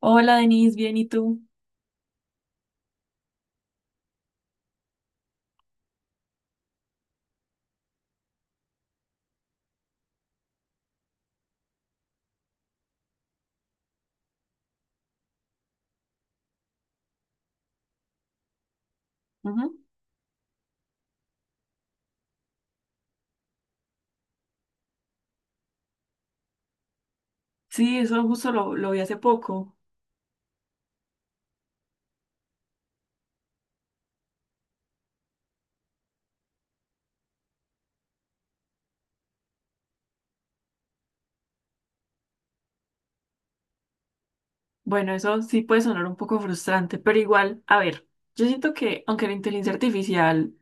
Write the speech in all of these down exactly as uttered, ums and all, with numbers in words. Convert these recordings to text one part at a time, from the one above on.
Hola Denise, bien, ¿y tú? Sí, eso justo lo, lo vi hace poco. Bueno, eso sí puede sonar un poco frustrante, pero igual, a ver, yo siento que aunque la inteligencia artificial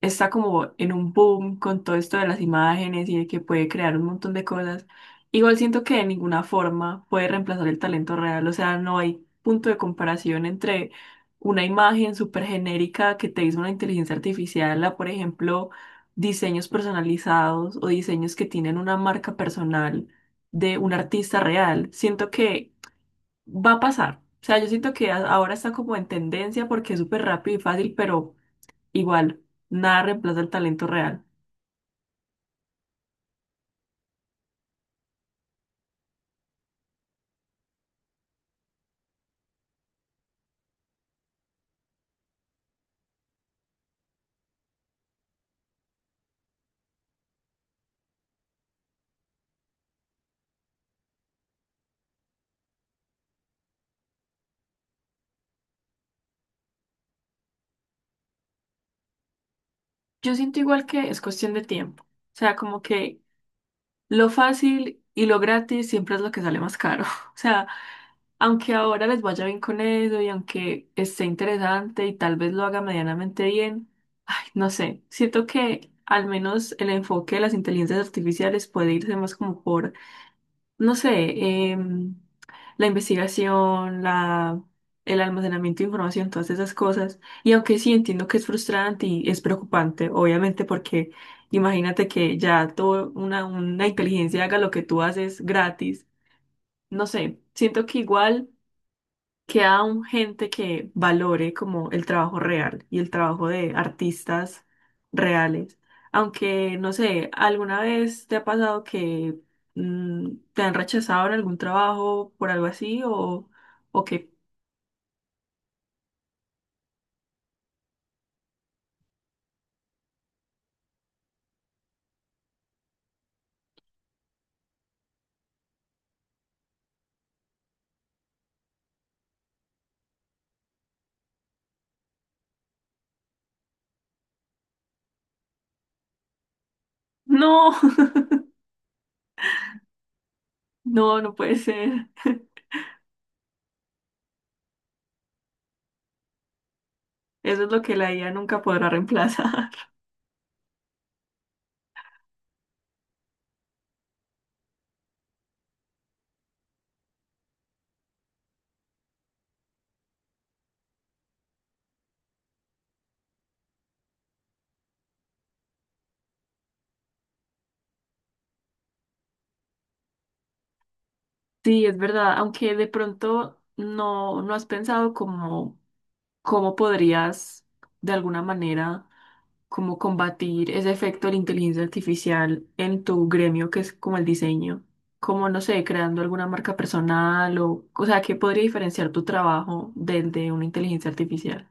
está como en un boom con todo esto de las imágenes y de que puede crear un montón de cosas, igual siento que de ninguna forma puede reemplazar el talento real, o sea, no hay punto de comparación entre una imagen súper genérica que te hizo una inteligencia artificial a, por ejemplo, diseños personalizados o diseños que tienen una marca personal de un artista real. Siento que va a pasar. O sea, yo siento que a- ahora está como en tendencia porque es súper rápido y fácil, pero igual, nada reemplaza el talento real. Yo siento igual que es cuestión de tiempo. O sea, como que lo fácil y lo gratis siempre es lo que sale más caro. O sea, aunque ahora les vaya bien con eso y aunque esté interesante y tal vez lo haga medianamente bien, ay, no sé, siento que al menos el enfoque de las inteligencias artificiales puede irse más como por no sé, em, la investigación, la, el almacenamiento de información, todas esas cosas. Y aunque sí entiendo que es frustrante y es preocupante, obviamente, porque imagínate que ya todo una, una inteligencia haga lo que tú haces gratis. No sé, siento que igual queda aún gente que valore como el trabajo real y el trabajo de artistas reales. Aunque, no sé, ¿alguna vez te ha pasado que mm, te han rechazado en algún trabajo por algo así o, o que no, no, no puede ser. Eso es lo que la I A nunca podrá reemplazar. Sí, es verdad, aunque de pronto no, no has pensado cómo cómo podrías de alguna manera como combatir ese efecto de la inteligencia artificial en tu gremio, que es como el diseño, como no sé, creando alguna marca personal o, o sea, ¿qué podría diferenciar tu trabajo del de una inteligencia artificial?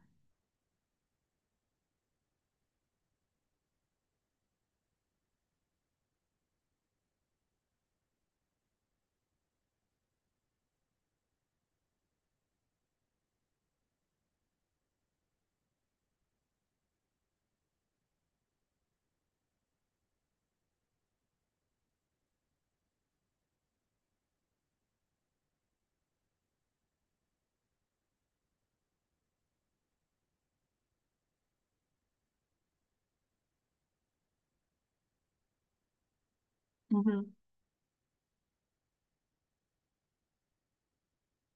Ujú,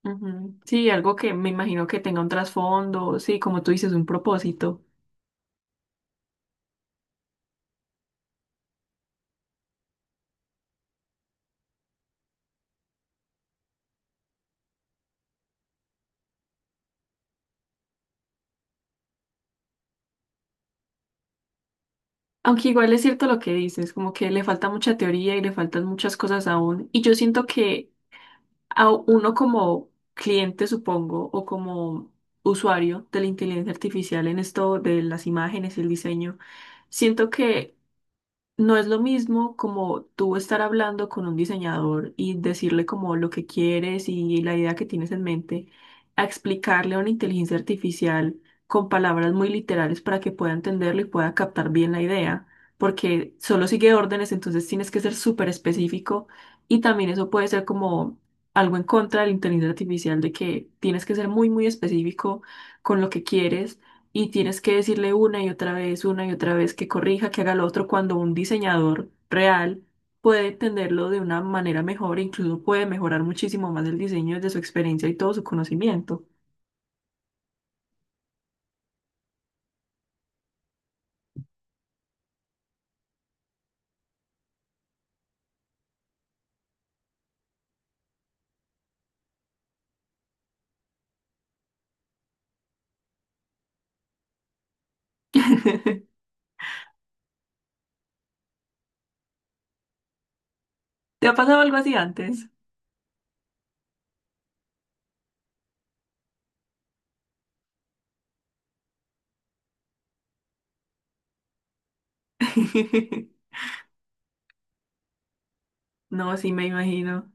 ujú. Sí, algo que me imagino que tenga un trasfondo, sí, como tú dices, un propósito. Aunque igual es cierto lo que dices, como que le falta mucha teoría y le faltan muchas cosas aún. Y yo siento que a uno como cliente, supongo, o como usuario de la inteligencia artificial en esto de las imágenes y el diseño, siento que no es lo mismo como tú estar hablando con un diseñador y decirle como lo que quieres y la idea que tienes en mente, a explicarle a una inteligencia artificial con palabras muy literales para que pueda entenderlo y pueda captar bien la idea, porque solo sigue órdenes, entonces tienes que ser súper específico y también eso puede ser como algo en contra de la inteligencia artificial de que tienes que ser muy, muy específico con lo que quieres y tienes que decirle una y otra vez, una y otra vez que corrija, que haga lo otro, cuando un diseñador real puede entenderlo de una manera mejor, e incluso puede mejorar muchísimo más el diseño desde su experiencia y todo su conocimiento. ¿Te ha pasado algo así antes? No, sí, me imagino.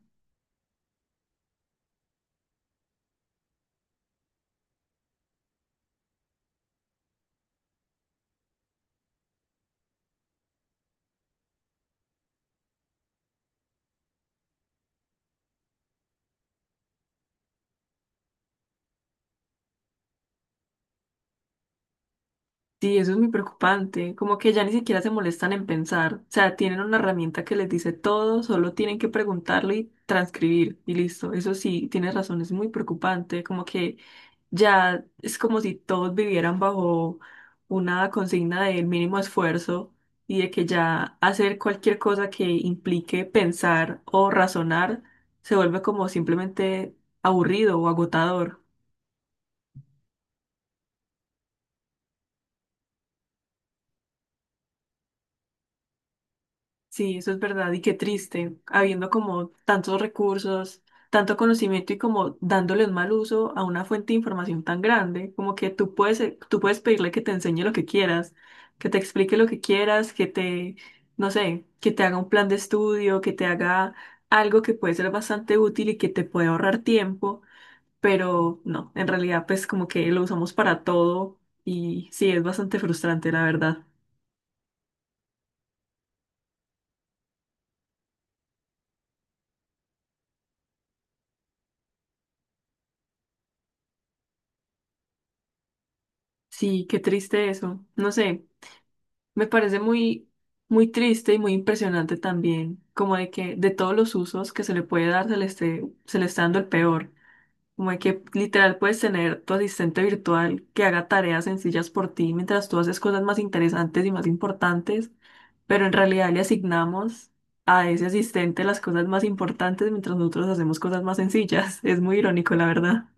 Sí, eso es muy preocupante. Como que ya ni siquiera se molestan en pensar. O sea, tienen una herramienta que les dice todo, solo tienen que preguntarlo y transcribir y listo. Eso sí, tienes razón, es muy preocupante. Como que ya es como si todos vivieran bajo una consigna del mínimo esfuerzo y de que ya hacer cualquier cosa que implique pensar o razonar se vuelve como simplemente aburrido o agotador. Sí, eso es verdad y qué triste, habiendo como tantos recursos, tanto conocimiento y como dándole un mal uso a una fuente de información tan grande, como que tú puedes, eh, tú puedes pedirle que te enseñe lo que quieras, que te explique lo que quieras, que te, no sé, que te haga un plan de estudio, que te haga algo que puede ser bastante útil y que te puede ahorrar tiempo, pero no, en realidad pues como que lo usamos para todo y sí, es bastante frustrante, la verdad. Sí, qué triste eso. No sé. Me parece muy, muy triste y muy impresionante también, como de que de todos los usos que se le puede dar, se le esté, se le está dando el peor. Como de que literal puedes tener tu asistente virtual que haga tareas sencillas por ti mientras tú haces cosas más interesantes y más importantes, pero en realidad le asignamos a ese asistente las cosas más importantes mientras nosotros hacemos cosas más sencillas. Es muy irónico, la verdad.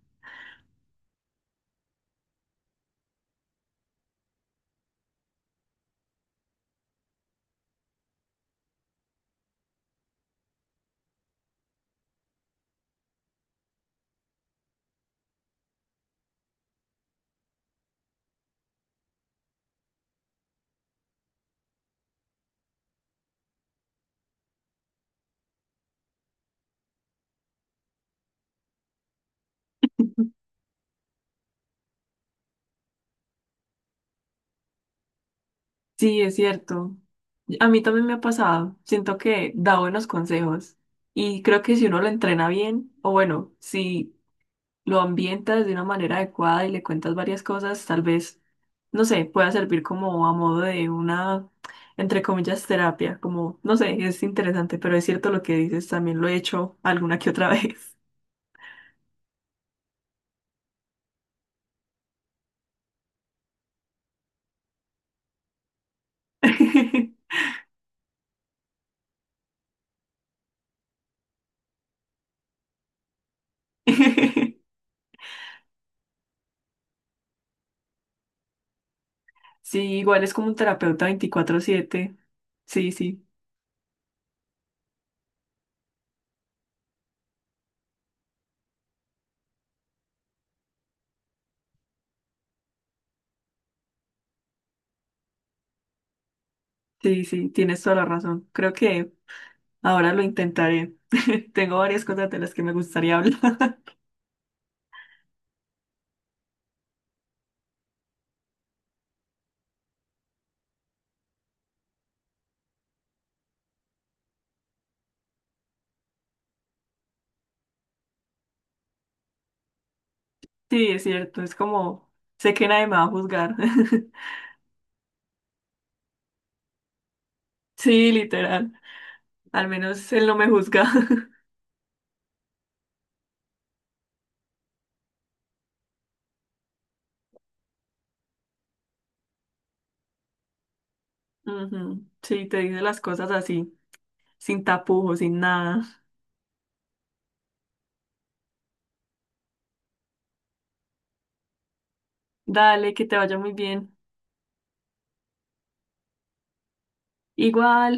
Sí, es cierto. A mí también me ha pasado. Siento que da buenos consejos y creo que si uno lo entrena bien, o bueno, si lo ambientas de una manera adecuada y le cuentas varias cosas, tal vez, no sé, pueda servir como a modo de una, entre comillas, terapia. Como, no sé, es interesante, pero es cierto lo que dices, también lo he hecho alguna que otra vez. Sí, igual es como un terapeuta veinticuatro siete. Sí, sí, sí, sí, tienes toda la razón. Creo que... Ahora lo intentaré. Tengo varias cosas de las que me gustaría hablar. Sí, es cierto, es como, sé que nadie me va a juzgar. Sí, literal. Al menos él no me juzga. Ujú, sí, te dice las cosas así, sin tapujos, sin nada. Dale, que te vaya muy bien. Igual.